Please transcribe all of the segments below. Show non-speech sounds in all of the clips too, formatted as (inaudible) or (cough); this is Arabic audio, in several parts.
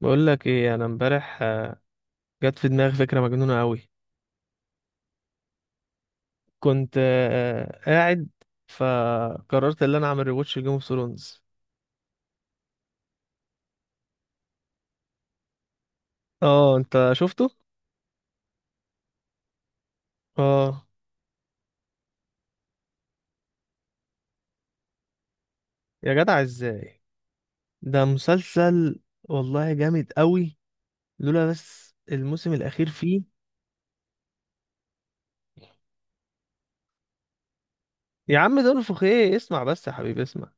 بقول لك ايه، انا امبارح جت في دماغي فكره مجنونه قوي. كنت قاعد، فقررت ان انا اعمل ريواتش لجيم اوف ثرونز. اه، انت شفته؟ اه. يا جدع ازاي؟ ده مسلسل والله جامد قوي، لولا بس الموسم الاخير فيه. يا عم، ده انفخ ايه؟ اسمع بس يا حبيبي، اسمع.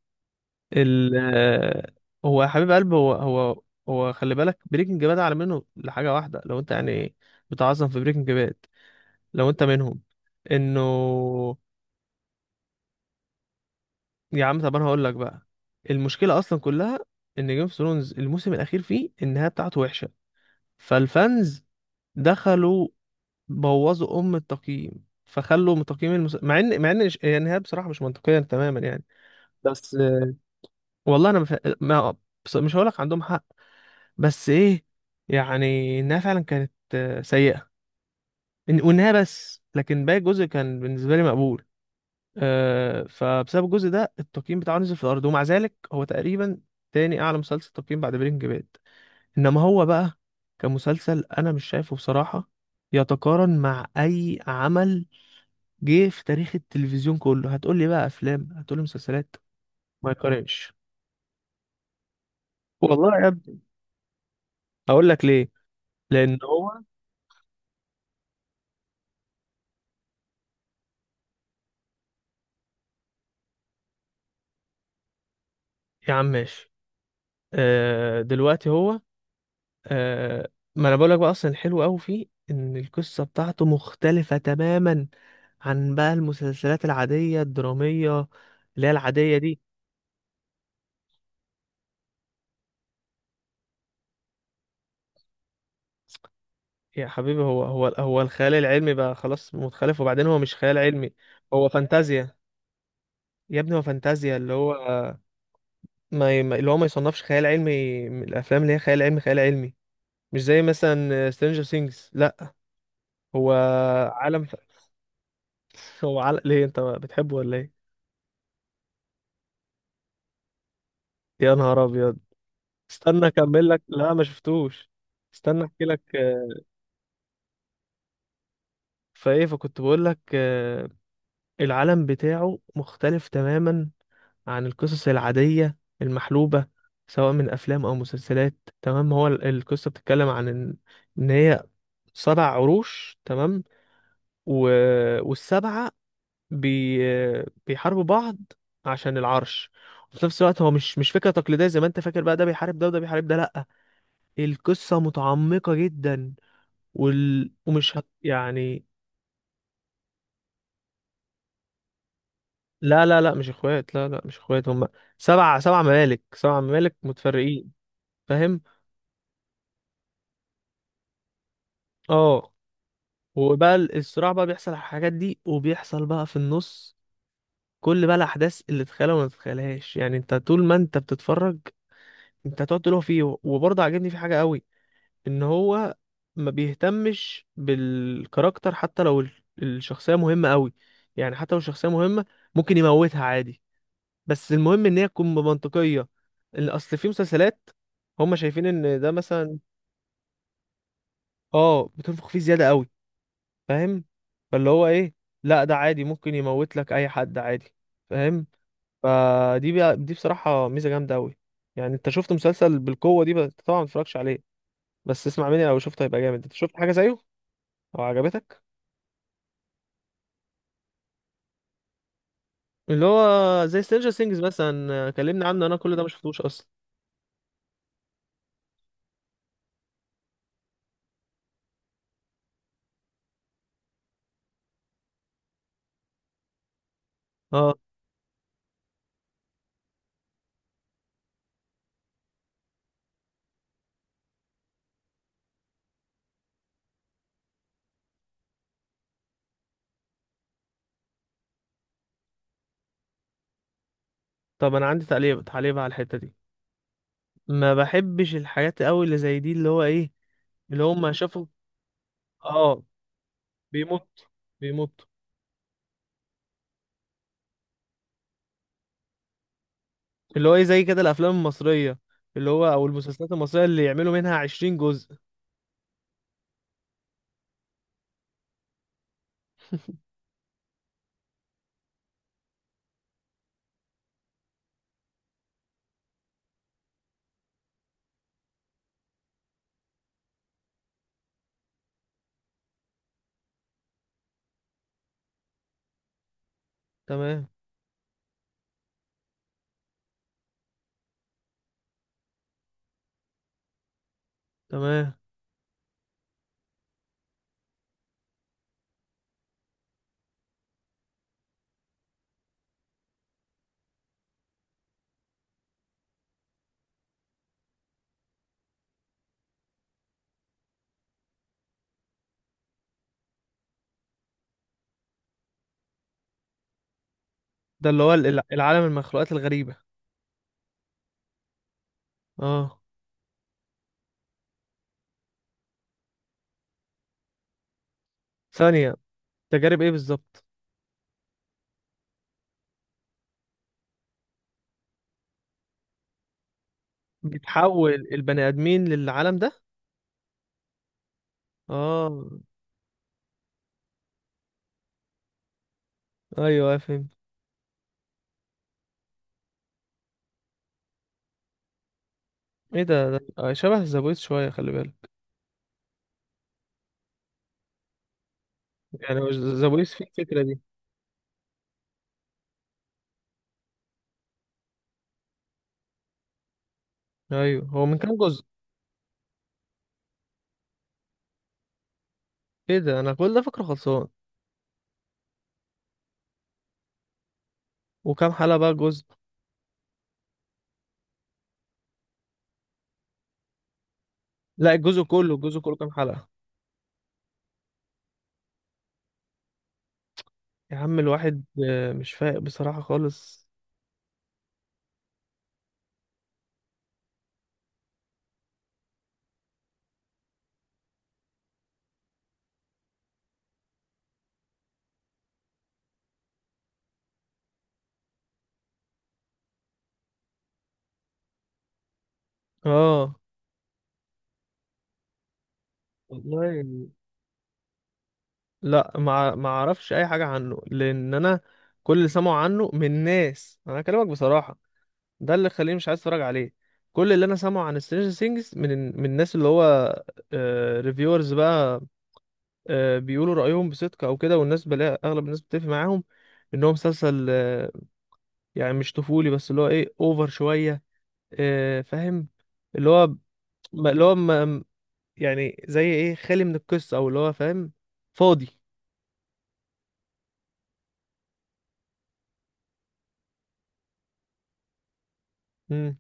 ال آه، هو يا حبيب قلب، هو. هو خلي بالك بريكنج باد على منه لحاجه واحده، لو انت يعني بتعظم في بريكنج باد، لو انت منهم، انه. يا عم طب انا هقول لك بقى، المشكله اصلا كلها ان جيم اوف ثرونز الموسم الاخير فيه النهايه بتاعته وحشه، فالفانز دخلوا بوظوا ام التقييم، فخلوا من تقييم مع ان هي النهايه بصراحه مش منطقيه تماما يعني. بس، والله انا مف... ما... مش هقول لك عندهم حق، بس ايه، يعني النهايه فعلا كانت سيئه. والنهايه بس، لكن باقي الجزء كان بالنسبه لي مقبول. فبسبب الجزء ده التقييم بتاعه نزل في الارض، ومع ذلك هو تقريبا تاني اعلى مسلسل تقييم بعد برينج باد. انما هو بقى كمسلسل، انا مش شايفه بصراحة يتقارن مع اي عمل جه في تاريخ التلفزيون كله. هتقول لي بقى افلام، هتقول لي مسلسلات، ما يقارنش. والله يا ابني، اقول لك ليه، لان هو. يا عم ماشي، دلوقتي هو. آه ما انا بقولك بقى، اصلا الحلو قوي فيه ان القصه بتاعته مختلفه تماما عن بقى المسلسلات العاديه الدراميه اللي هي العاديه دي. يا حبيبي، هو الخيال العلمي بقى خلاص متخلف؟ وبعدين هو مش خيال علمي. هو فانتازيا، يا ابني هو فانتازيا اللي هو. ما ي- ما- اللي هو ما يصنفش خيال علمي من الافلام اللي هي خيال علمي خيال علمي. مش زي مثلا سترينجر سينجز، لا. هو عالم (laughs) هو عالم، ليه انت بتحبه ولا ايه؟ يا نهار ابيض، استنى اكمل لك، لا ما شفتوش. استنى احكي لك، فايه، فكنت بقول لك العالم بتاعه مختلف تماما عن القصص العادية المحلوبة، سواء من افلام او مسلسلات. تمام. هو القصة بتتكلم عن ان، هي سبع عروش، تمام. و... والسبعة بي... بيحاربوا بعض عشان العرش. وفي نفس الوقت هو مش فكرة تقليدية زي ما انت فاكر، بقى ده بيحارب ده وده بيحارب ده، لا. القصة متعمقة جدا، ومش يعني. لا، لا، لا، مش اخوات، لا لا مش اخوات، هم سبع ممالك سبع ممالك متفرقين. فاهم؟ اه. وبقى الصراع بقى بيحصل على الحاجات دي، وبيحصل بقى في النص كل بقى الاحداث اللي تتخيلها وما تتخيلهاش، يعني انت طول ما انت بتتفرج انت هتقعد تقول هو فيه، وبرضه عاجبني في حاجه قوي، ان هو ما بيهتمش بالكاركتر حتى لو الشخصيه مهمه قوي. يعني حتى لو الشخصيه مهمه، ممكن يموتها عادي، بس المهم ان هي تكون منطقيه. اللي اصل في مسلسلات، هم شايفين ان ده مثلا. اه، بتنفخ فيه زياده قوي، فاهم؟ فاللي هو ايه، لا ده عادي ممكن يموت لك اي حد عادي، فاهم؟ فدي بقى دي بصراحه ميزه جامده قوي. يعني انت شفت مسلسل بالقوه دي؟ بس طبعا ما اتفرجش عليه. بس اسمع مني، لو شفته هيبقى جامد. انت شفت حاجه زيه او عجبتك؟ اللي هو زي سترينجر سينجز مثلا، كلمني عنه، انا كل ده ما شفتوش اصلا. اه. طب انا عندي تعليق تعليق على الحته دي. ما بحبش الحاجات قوي اللي زي دي، اللي هو ايه، اللي هم شافوا. اه، بيمط بيمط. اللي هو ايه، زي كده الافلام المصرية، اللي هو او المسلسلات المصرية اللي يعملوا منها 20 جزء. تمام. تمام. ده اللي هو العالم المخلوقات الغريبة. اه، ثانية. تجارب ايه بالظبط؟ بتحول البني ادمين للعالم ده؟ اه. ايوه، أيوه، فهمت. ايه ده، شبه زابويس شوية، خلي بالك. يعني هو زابويس فيه الفكرة دي. ايوه، هو من كام جزء؟ ايه ده، انا كل ده فكره خلصان؟ وكام حلقة بقى الجزء؟ لا، الجزء كله الجزء كله كام حلقة؟ يا عم، الواحد مش فايق بصراحة خالص. اه. والله لا، ما اعرفش اي حاجة عنه، لان انا كل اللي سمعوا عنه من ناس، انا اكلمك بصراحة، ده اللي خليني مش عايز اتفرج عليه. كل اللي انا سامعه عن سترينجر ثينجز من الناس اللي هو ريفيورز بقى، بيقولوا رأيهم بصدق او كده، والناس بلاقي اغلب الناس بتتفق معاهم، ان هو مسلسل يعني مش طفولي، بس اللي هو ايه، اوفر شوية، فاهم؟ اللي هو ما- اللي هو ما- يعني زي ايه، خالي من القصة او اللي هو فاهم، فاضي. امم.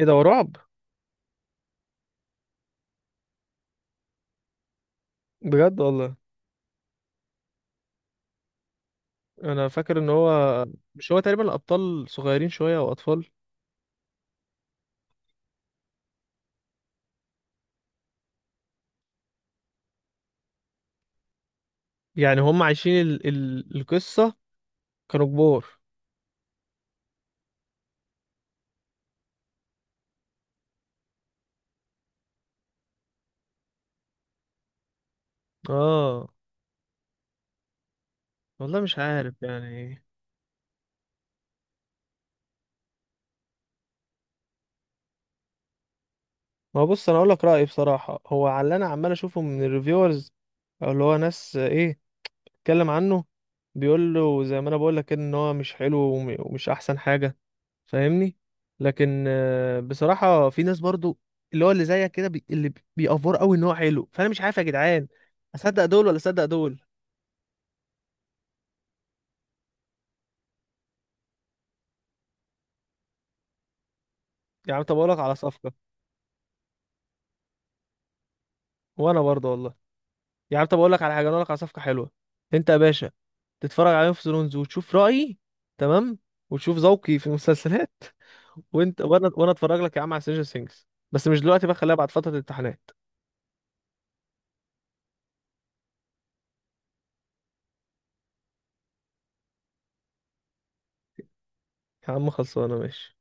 ايه ده، هو رعب؟ بجد والله؟ انا فاكر ان هو، مش هو تقريبا الاطفال صغيرين شوية، او اطفال؟ يعني هم عايشين القصة، كانوا كبار؟ اه، والله مش عارف يعني. ما هو بص، انا اقول لك رأيي بصراحة، هو على اللي انا عمال اشوفه من الريفيورز، او اللي هو ناس ايه، اتكلم عنه، بيقول له زي ما انا بقول لك، ان هو مش حلو ومش احسن حاجة، فاهمني؟ لكن بصراحة في ناس برضو اللي هو اللي زيك كده، اللي بيأفور قوي ان هو حلو، فانا مش عارف يا جدعان. اصدق دول ولا اصدق دول؟ يا عم، طب اقول لك على صفقة. وانا برضو والله. يا عم، طب اقول لك على حاجة، انا اقول لك على صفقة حلوة. انت يا باشا تتفرج عليهم في سلونز، وتشوف رأيي، تمام؟ وتشوف ذوقي في المسلسلات. (laughs) وانت، وانا اتفرج لك يا عم على سيجن سينجز، بس مش دلوقتي بقى، خليها بعد فترة الامتحانات. يا عم، خلصانة، ماشي.